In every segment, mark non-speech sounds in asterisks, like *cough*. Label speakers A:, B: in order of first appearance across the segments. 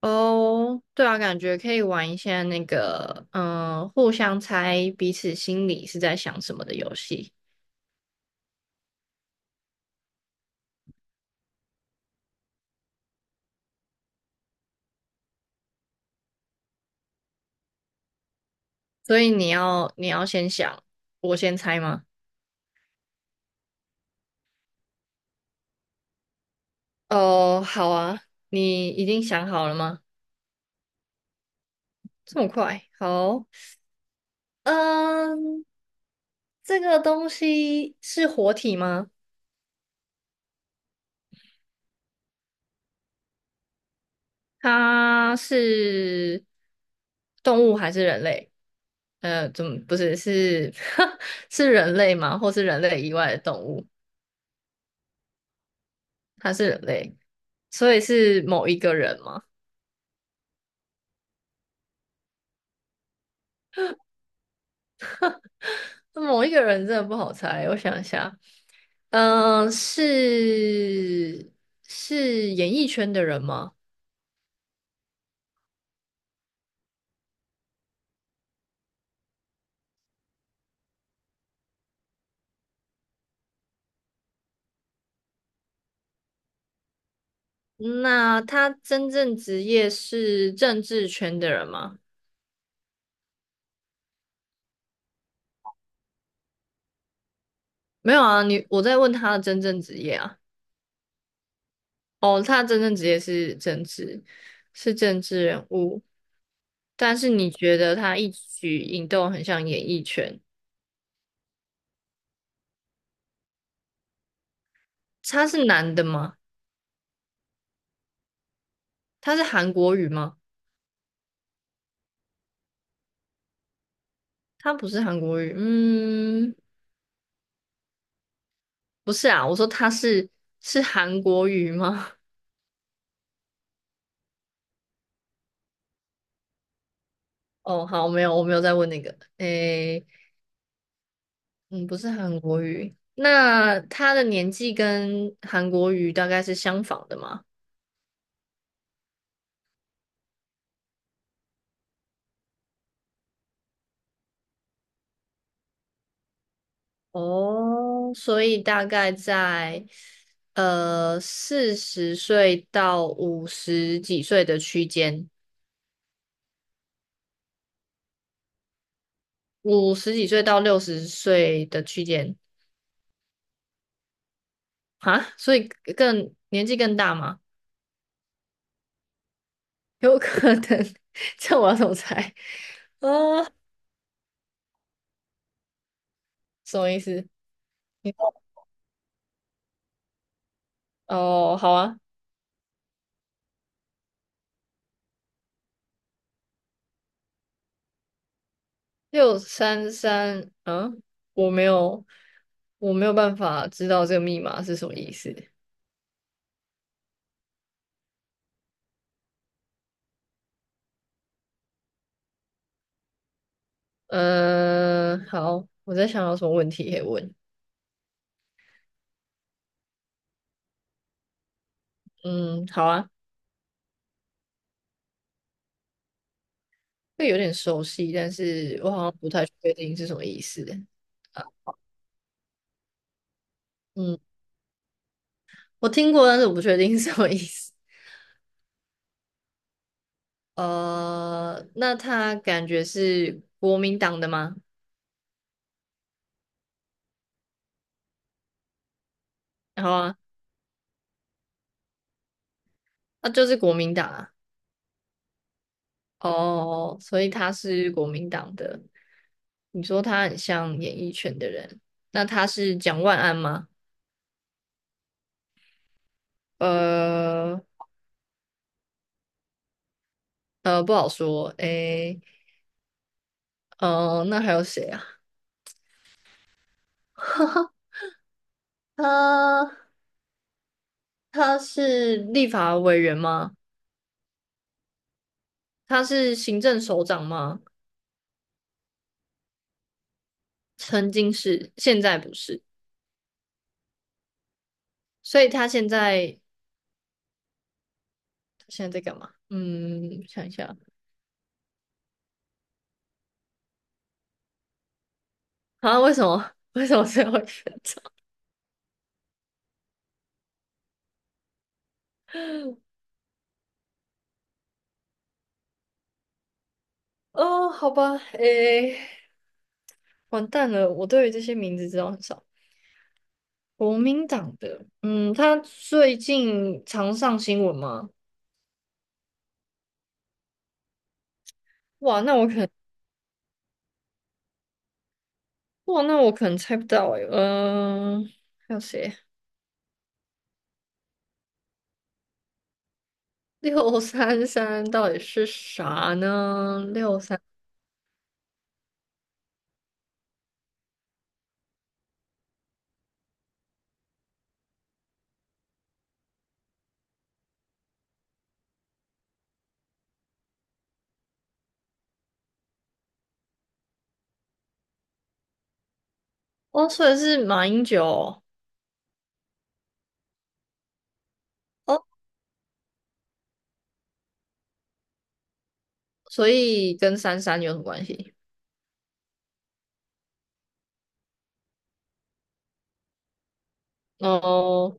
A: 哦，对啊，感觉可以玩一下那个，互相猜彼此心里是在想什么的游戏。所以你要先想，我先猜吗？哦，好啊，你已经想好了吗？这么快？好，嗯，这个东西是活体吗？它是动物还是人类？呃，怎么不是 *laughs* 是人类吗？或是人类以外的动物？他是人类，所以是某一个人吗？那某一个人真的不好猜，我想一下，嗯、是是演艺圈的人吗？那他真正职业是政治圈的人吗？没有啊，你我在问他的真正职业啊。哦，他的真正职业是政治，是政治人物，但是你觉得他一举一动很像演艺圈？他是男的吗？他是韩国语吗？他不是韩国语，嗯，不是啊，我说他是韩国语吗？*laughs* 哦，好，没有，我没有再问那个，诶，嗯，不是韩国语，那他的年纪跟韩国语大概是相仿的吗？哦，所以大概在40岁到五十几岁的区间，五十几岁到60岁的区间，啊，所以更年纪更大吗？有可能，*laughs* 这我要怎么猜？啊，什么意思？你哦，好啊，六三三，我没有，我没有办法知道这个密码是什么意思。嗯、好，我在想有什么问题可以问。嗯，好啊，这有点熟悉，但是我好像不太确定是什么意思。嗯，我听过，但是我不确定是什么意思。那他感觉是国民党的吗？好啊，那就是国民党啊。哦，所以他是国民党的。你说他很像演艺圈的人，那他是蒋万安吗？呃不好说。诶，那还有谁啊？*laughs* 他他是立法委员吗？他是行政首长吗？曾经是，现在不是。所以他现在在干嘛？嗯，想一下啊，为什么 *laughs* 为什么最后一个？哦，好吧，诶。完蛋了，我对于这些名字知道很少。国民党的，嗯，他最近常上新闻吗？哇，那我可能，哇，那我可能猜不到诶、还有谁？六三三到底是啥呢？哦，所以是马英九哦，哦，所以跟三三有什么关系？哦，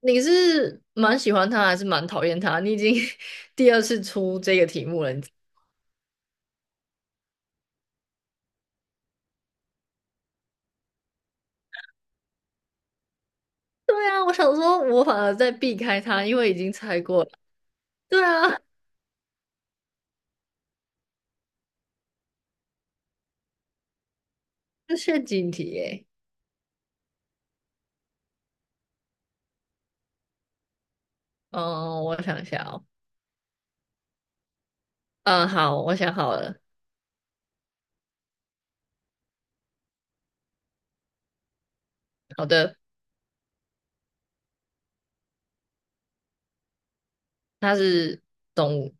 A: 你是蛮喜欢他还是蛮讨厌他？你已经 *laughs* 第二次出这个题目了，对啊，我想说，我反而在避开他，因为已经猜过了。对啊，这是陷阱题耶。嗯，我想一下哦。嗯，好，我想好了。好的，他是动物，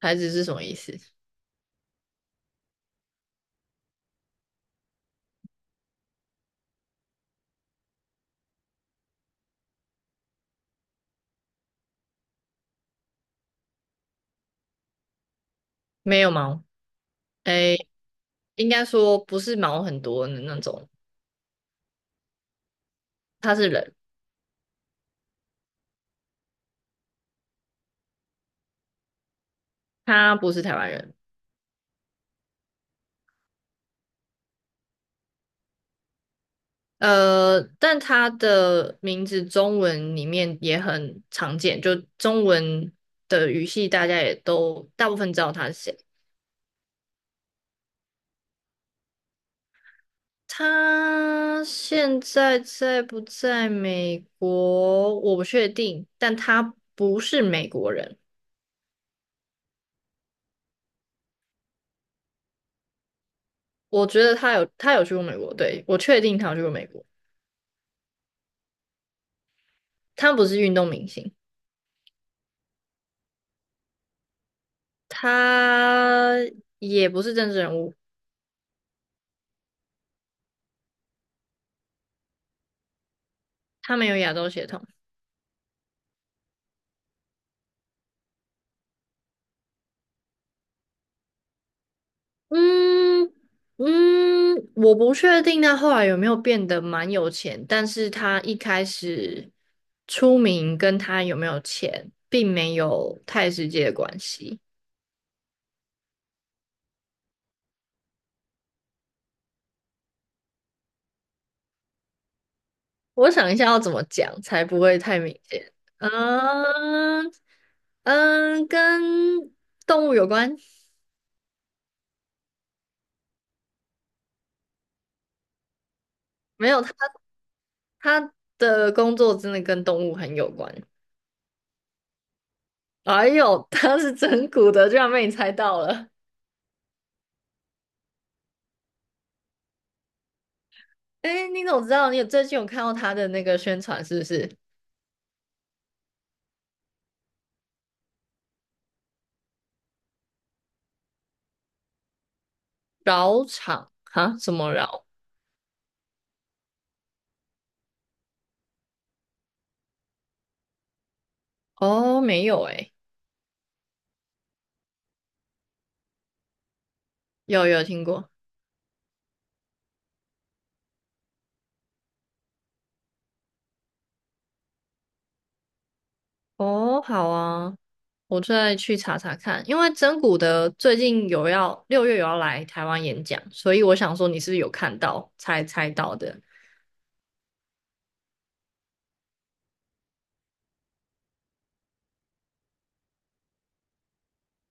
A: 孩子是什么意思？没有毛。诶，应该说不是毛很多的那种，他是人，他不是台湾人。呃，但他的名字中文里面也很常见，就中文的语系大家也都大部分知道他是谁。他现在在不在美国？我不确定，但他不是美国人。我觉得他有去过美国，对，我确定他有去过美国。他不是运动明星，他也不是政治人物，他没有亚洲血统。嗯我不确定他后来有没有变得蛮有钱，但是他一开始出名跟他有没有钱，并没有太直接的关系。我想一下要怎么讲才不会太明显。嗯跟动物有关？没有，他的工作真的跟动物很有关。哎呦，他是整蛊的，居然被你猜到了。哎，你怎么知道？你有最近有看到他的那个宣传是不是？饶场哈？什么饶？哦，没有哎，有有听过。哦，好啊。我再去查查看，因为真古的最近有要6月有要来台湾演讲，所以我想说你是不是有看到才猜到的？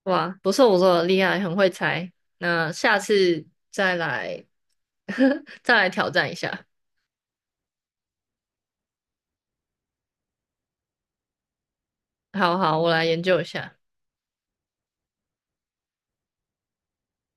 A: 哇，不错不错，厉害，很会猜。那下次再来 *laughs* 再来挑战一下。好好，我来研究一下。